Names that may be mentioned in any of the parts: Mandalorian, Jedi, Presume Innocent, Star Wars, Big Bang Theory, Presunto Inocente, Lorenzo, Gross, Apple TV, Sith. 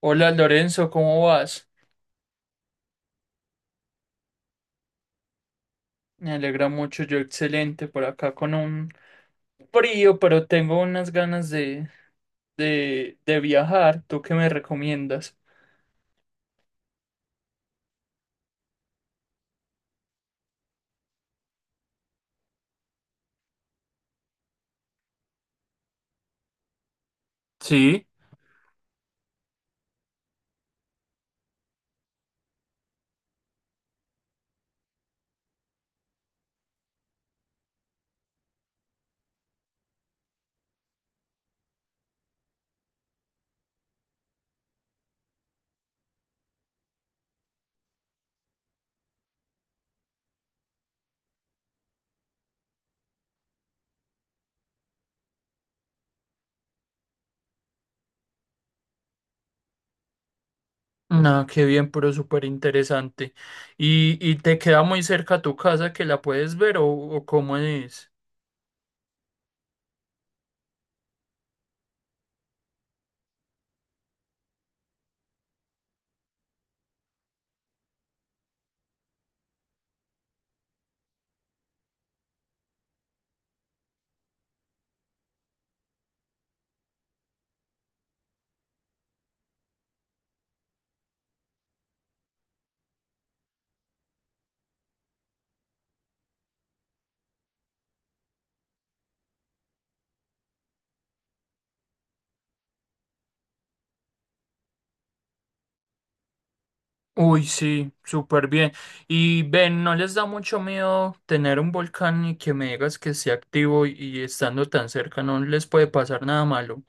Hola Lorenzo, ¿cómo vas? Me alegra mucho, yo excelente por acá con un frío, pero tengo unas ganas de viajar. ¿Tú qué me recomiendas? Sí. No, qué bien, pero súper interesante. ¿Y te queda muy cerca tu casa que la puedes ver o cómo es? Uy, sí, súper bien. Y ven, ¿no les da mucho miedo tener un volcán y que me digas que esté activo y estando tan cerca no les puede pasar nada malo?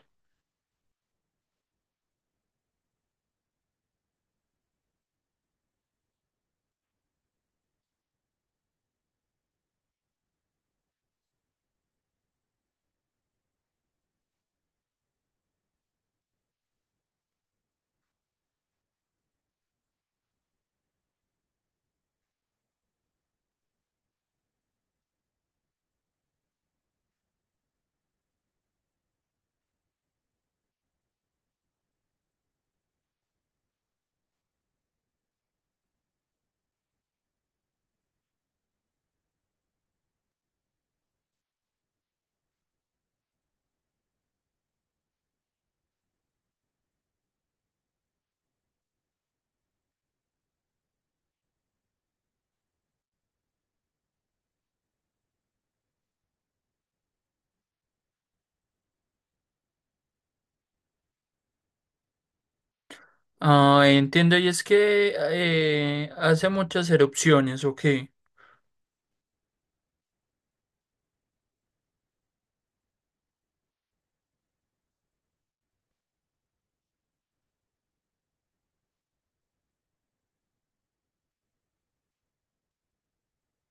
Ah, entiendo, y es que hace muchas erupciones, ok.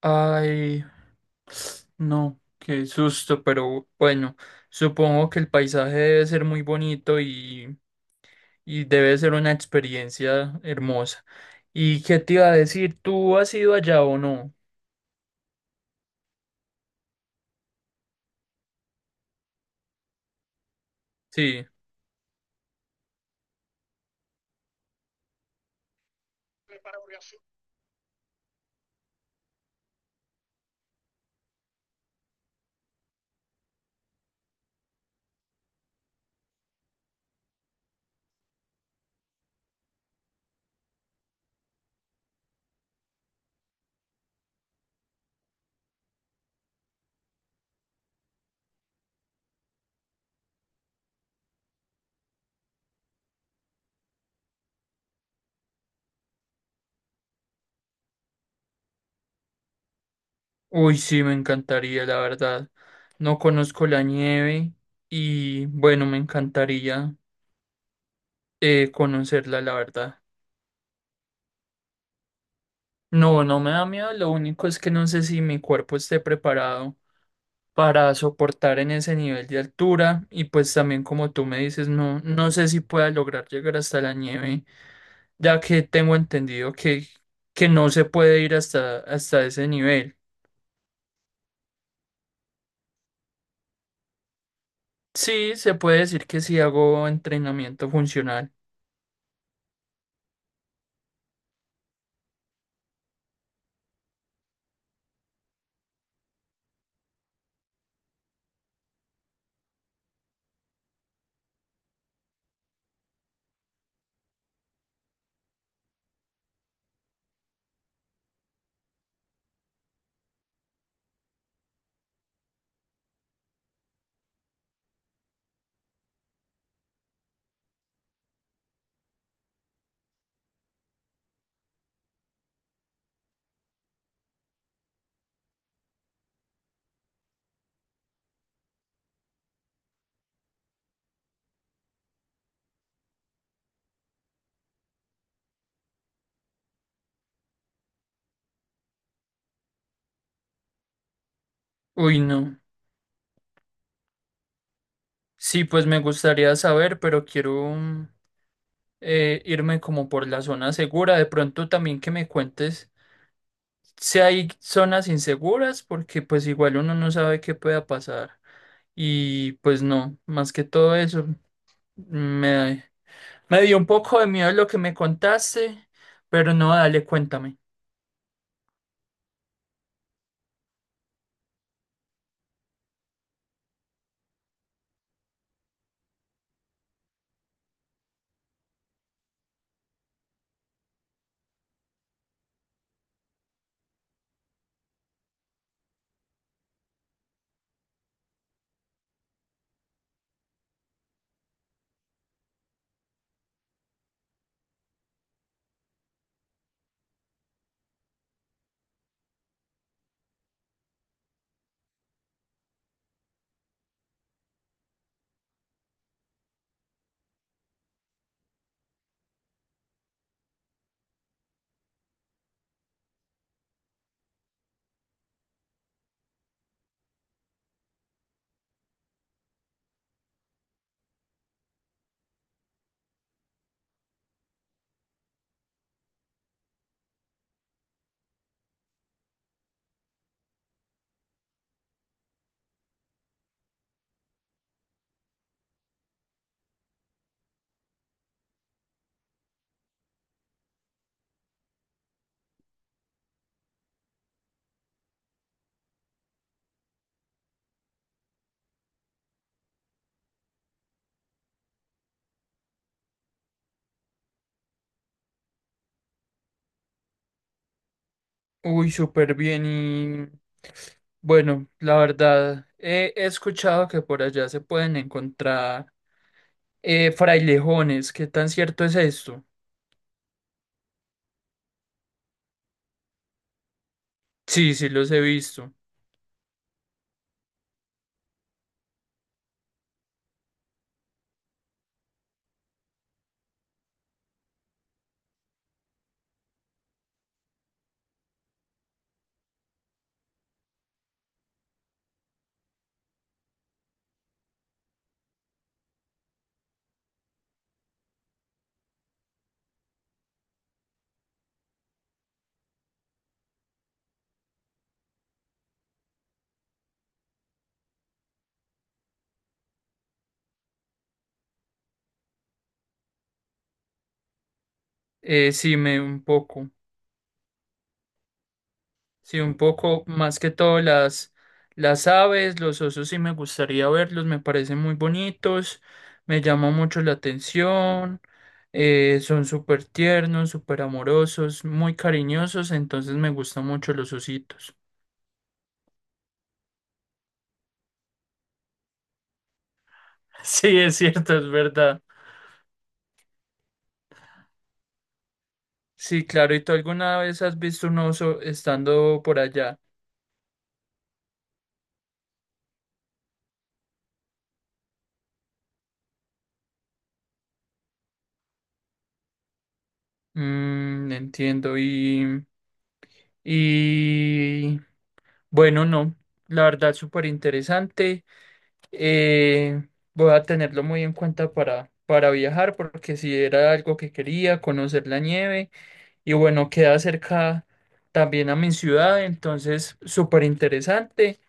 Ay, no, qué susto, pero bueno, supongo que el paisaje debe ser muy bonito y debe ser una experiencia hermosa. ¿Y qué te iba a decir? ¿Tú has ido allá o no? Sí. Uy, sí, me encantaría, la verdad. No conozco la nieve y bueno, me encantaría conocerla, la verdad. No, no me da miedo, lo único es que no sé si mi cuerpo esté preparado para soportar en ese nivel de altura y pues también como tú me dices, no, no sé si pueda lograr llegar hasta la nieve, ya que tengo entendido que no se puede ir hasta ese nivel. Sí, se puede decir que sí hago entrenamiento funcional. Uy, no. Sí, pues me gustaría saber, pero quiero irme como por la zona segura. De pronto también que me cuentes. Si hay zonas inseguras, porque pues igual uno no sabe qué pueda pasar. Y pues no, más que todo eso, me, me dio un poco de miedo lo que me contaste, pero no, dale, cuéntame. Uy, súper bien y bueno, la verdad, he escuchado que por allá se pueden encontrar frailejones, ¿qué tan cierto es esto? Sí, sí, los he visto. Sí, me un poco. Sí, un poco más que todo las aves, los osos sí me gustaría verlos, me parecen muy bonitos, me llama mucho la atención, son súper tiernos, súper amorosos, muy cariñosos, entonces me gustan mucho los ositos. Sí, es cierto, es verdad. Sí, claro, ¿y tú alguna vez has visto un oso estando por allá? Mm, entiendo, y bueno, no, la verdad súper interesante. Eh, Voy a tenerlo muy en cuenta para viajar, porque si era algo que quería, conocer la nieve, y bueno, queda cerca también a mi ciudad, entonces súper interesante.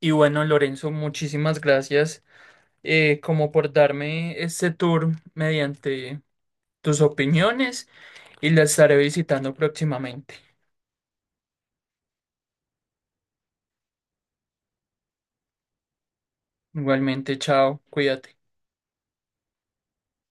Y bueno, Lorenzo, muchísimas gracias como por darme este tour mediante tus opiniones y la estaré visitando próximamente. Igualmente, chao, cuídate.